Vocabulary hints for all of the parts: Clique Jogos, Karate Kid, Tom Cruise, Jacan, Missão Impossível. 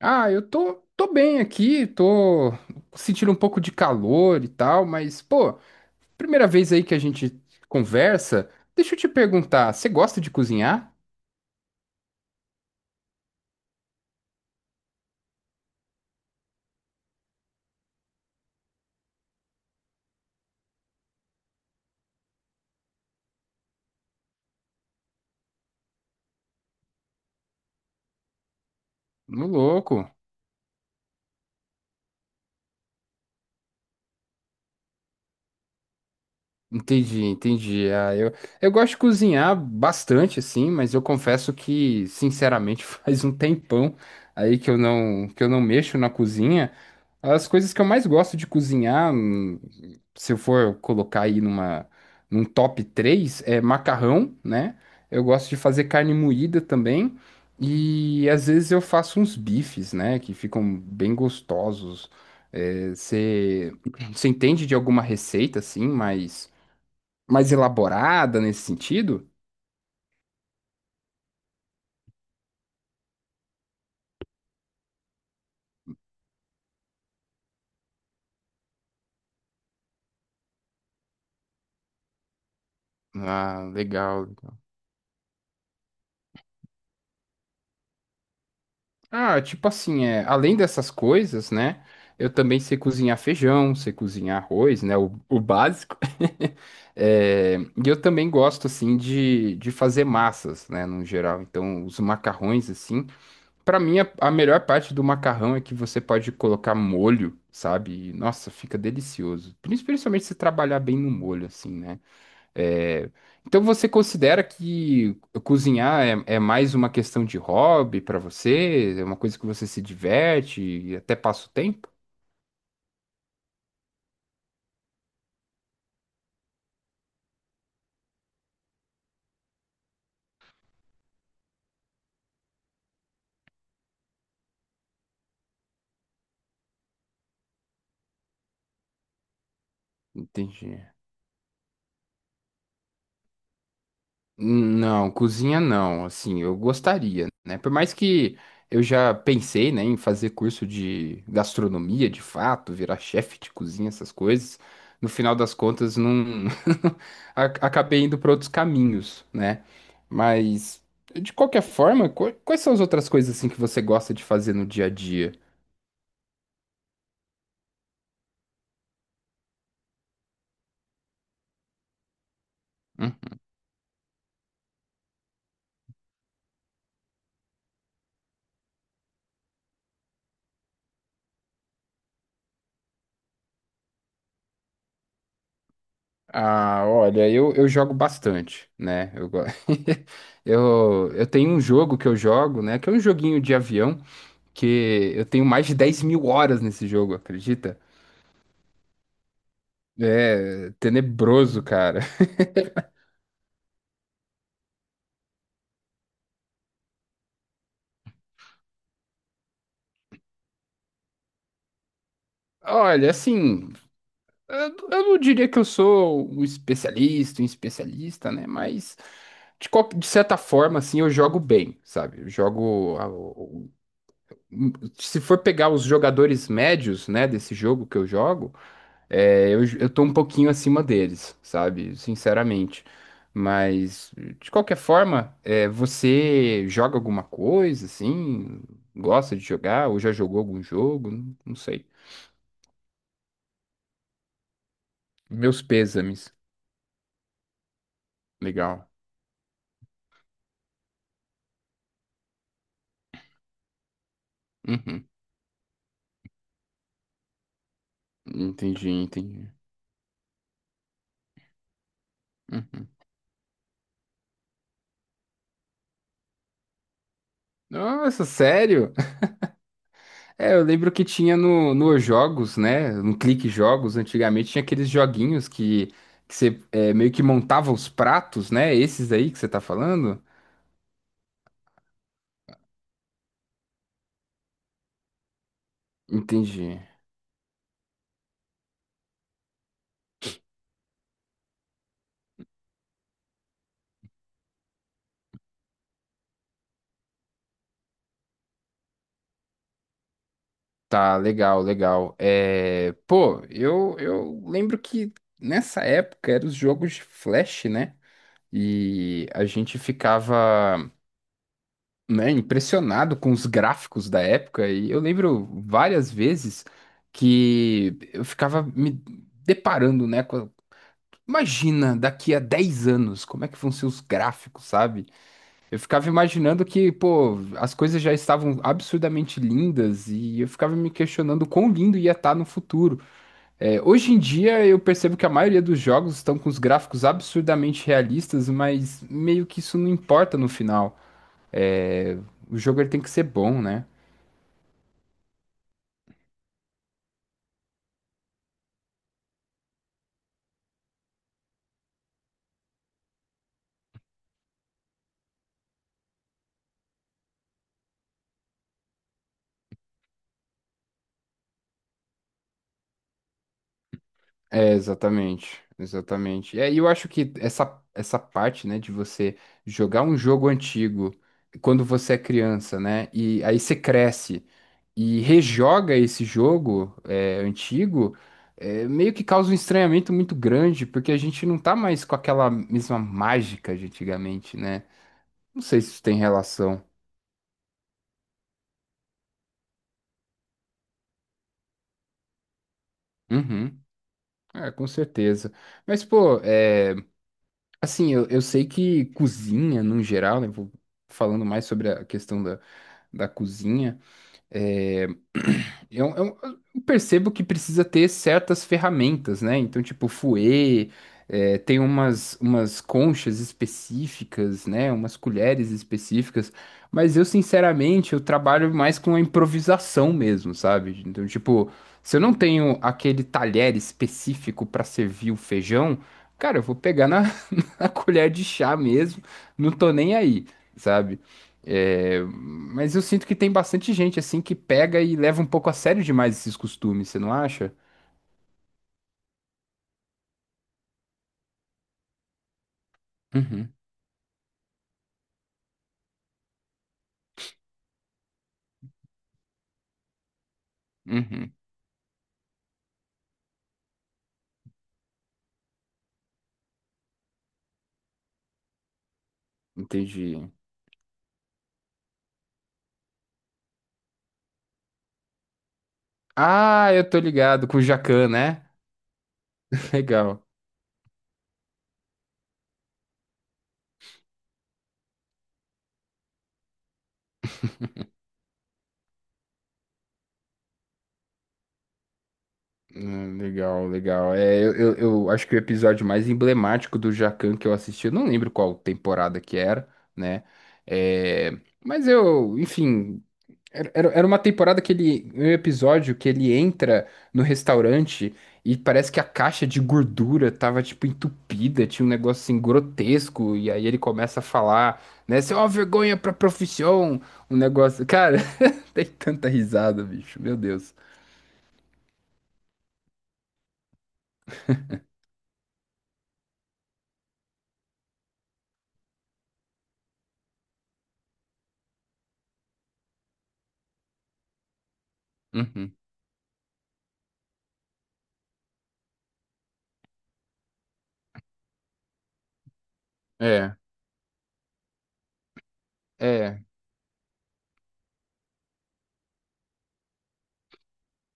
Ah, eu tô bem aqui, tô sentindo um pouco de calor e tal, mas, pô, primeira vez aí que a gente conversa, deixa eu te perguntar, você gosta de cozinhar? No louco. Entendi, entendi. Ah, eu gosto de cozinhar bastante, assim, mas eu confesso que, sinceramente, faz um tempão aí que eu não mexo na cozinha. As coisas que eu mais gosto de cozinhar, se eu for colocar aí num top 3 é macarrão, né? Eu gosto de fazer carne moída também. E às vezes eu faço uns bifes, né, que ficam bem gostosos. É, você entende de alguma receita, assim, mas mais elaborada nesse sentido? Ah, legal. Ah, tipo assim, é, além dessas coisas, né? Eu também sei cozinhar feijão, sei cozinhar arroz, né? O básico. É, e eu também gosto, assim, de fazer massas, né? No geral. Então, os macarrões, assim. Pra mim, a melhor parte do macarrão é que você pode colocar molho, sabe? E, nossa, fica delicioso. Principalmente se trabalhar bem no molho, assim, né? É, então você considera que cozinhar é mais uma questão de hobby para você? É uma coisa que você se diverte e até passa o tempo? Entendi. Não, cozinha não, assim, eu gostaria, né? Por mais que eu já pensei, né, em fazer curso de gastronomia, de fato, virar chefe de cozinha, essas coisas, no final das contas não acabei indo para outros caminhos, né? Mas de qualquer forma, quais são as outras coisas assim que você gosta de fazer no dia a dia? Hum? Ah, olha, eu jogo bastante, né? Eu tenho um jogo que eu jogo, né, que é um joguinho de avião, que eu tenho mais de 10.000 horas nesse jogo, acredita? É tenebroso, cara. Olha, assim, eu não diria que eu sou um especialista, né? Mas de certa forma, assim, eu jogo bem, sabe? Eu jogo. Se for pegar os jogadores médios, né, desse jogo que eu jogo. É, eu tô um pouquinho acima deles, sabe? Sinceramente. Mas, de qualquer forma, é, você joga alguma coisa, assim? Gosta de jogar? Ou já jogou algum jogo? Não, não sei. Meus pêsames. Legal. Uhum. Entendi, entendi. Uhum. Nossa, sério? É, eu lembro que tinha nos jogos, né? No Clique Jogos, antigamente, tinha aqueles joguinhos que você é, meio que montava os pratos, né? Esses aí que você tá falando? Entendi. Tá, legal, legal. É, pô, eu lembro que nessa época eram os jogos de flash, né? E a gente ficava, né, impressionado com os gráficos da época. E eu lembro várias vezes que eu ficava me deparando, né? Imagina, daqui a 10 anos, como é que vão ser os gráficos, sabe? Eu ficava imaginando que, pô, as coisas já estavam absurdamente lindas e eu ficava me questionando quão lindo ia estar no futuro. É, hoje em dia eu percebo que a maioria dos jogos estão com os gráficos absurdamente realistas, mas meio que isso não importa no final. É, o jogo ele tem que ser bom, né? É, exatamente, exatamente. É, e eu acho que essa parte, né, de você jogar um jogo antigo quando você é criança, né, e aí você cresce e rejoga esse jogo antigo, meio que causa um estranhamento muito grande, porque a gente não tá mais com aquela mesma mágica de antigamente, né? Não sei se isso tem relação. Uhum. É, com certeza. Mas, pô, é. Assim, eu sei que cozinha, no geral, né? Vou falando mais sobre a questão da cozinha. eh, é, eu, eu- eu percebo que precisa ter certas ferramentas, né? Então, tipo, fouet, tem umas conchas específicas, né? Umas colheres específicas. Mas eu, sinceramente, eu trabalho mais com a improvisação mesmo, sabe? Então, tipo, se eu não tenho aquele talher específico para servir o feijão. Cara, eu vou pegar na a colher de chá mesmo, não tô nem aí, sabe? É, mas eu sinto que tem bastante gente assim que pega e leva um pouco a sério demais esses costumes, você não acha? Uhum, uhum. Entendi. Ah, eu tô ligado com o Jacan, né? Legal. Legal, legal. É, eu acho que o episódio mais emblemático do Jacan que eu assisti, eu não lembro qual temporada que era, né? É, mas eu, enfim, era, era uma temporada que ele. Um episódio que ele entra no restaurante e parece que a caixa de gordura tava, tipo, entupida, tinha um negócio assim grotesco, e aí ele começa a falar, né? Você é uma vergonha pra profissão, um negócio. Cara, tem tanta risada, bicho, meu Deus. Uhum. É, é,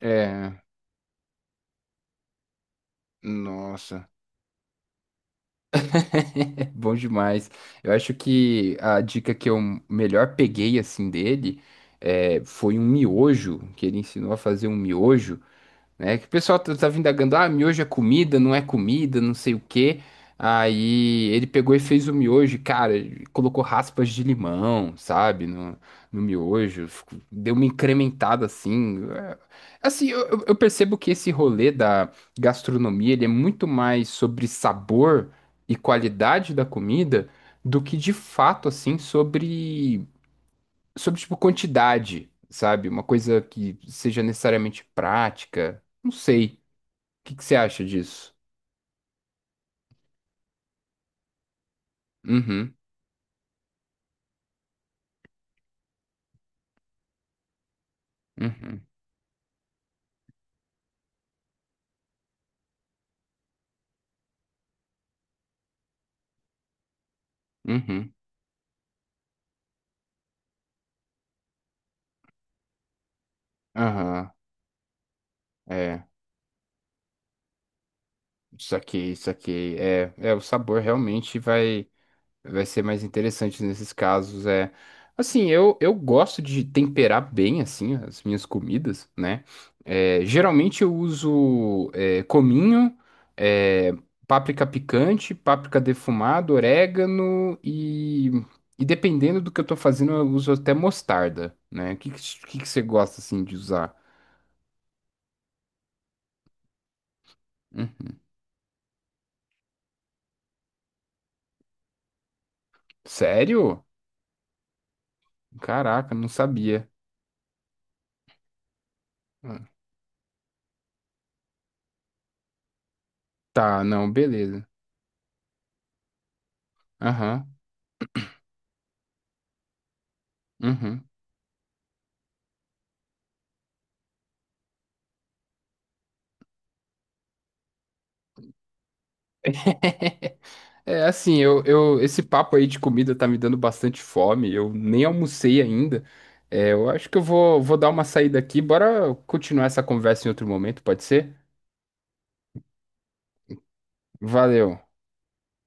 é. Nossa, é bom demais. Eu acho que a dica que eu melhor peguei, assim, dele. Foi um miojo, que ele ensinou a fazer um miojo. Né? Que o pessoal tá vindagando, ah, miojo é comida, não sei o quê. Aí ele pegou e fez o miojo, e, cara, ele colocou raspas de limão, sabe, no miojo, deu uma incrementada assim. É, assim, eu percebo que esse rolê da gastronomia, ele é muito mais sobre sabor e qualidade da comida do que de fato, assim, sobre, tipo, quantidade, sabe? Uma coisa que seja necessariamente prática. Não sei. O que que você acha disso? Uhum, uhum, uhum, aham. É, saquei, saquei. É, é, o sabor realmente vai. Vai ser mais interessante nesses casos. É, assim, eu gosto de temperar bem, assim, as minhas comidas, né? É, geralmente eu uso cominho, é, páprica picante, páprica defumada, orégano e dependendo do que eu tô fazendo, eu uso até mostarda, né? O que que você gosta, assim, de usar? Uhum. Sério? Caraca, não sabia. Tá, não, beleza. Aham. Uhum. É assim, esse papo aí de comida tá me dando bastante fome. Eu nem almocei ainda. É, eu acho que eu vou dar uma saída aqui. Bora continuar essa conversa em outro momento, pode ser? Valeu.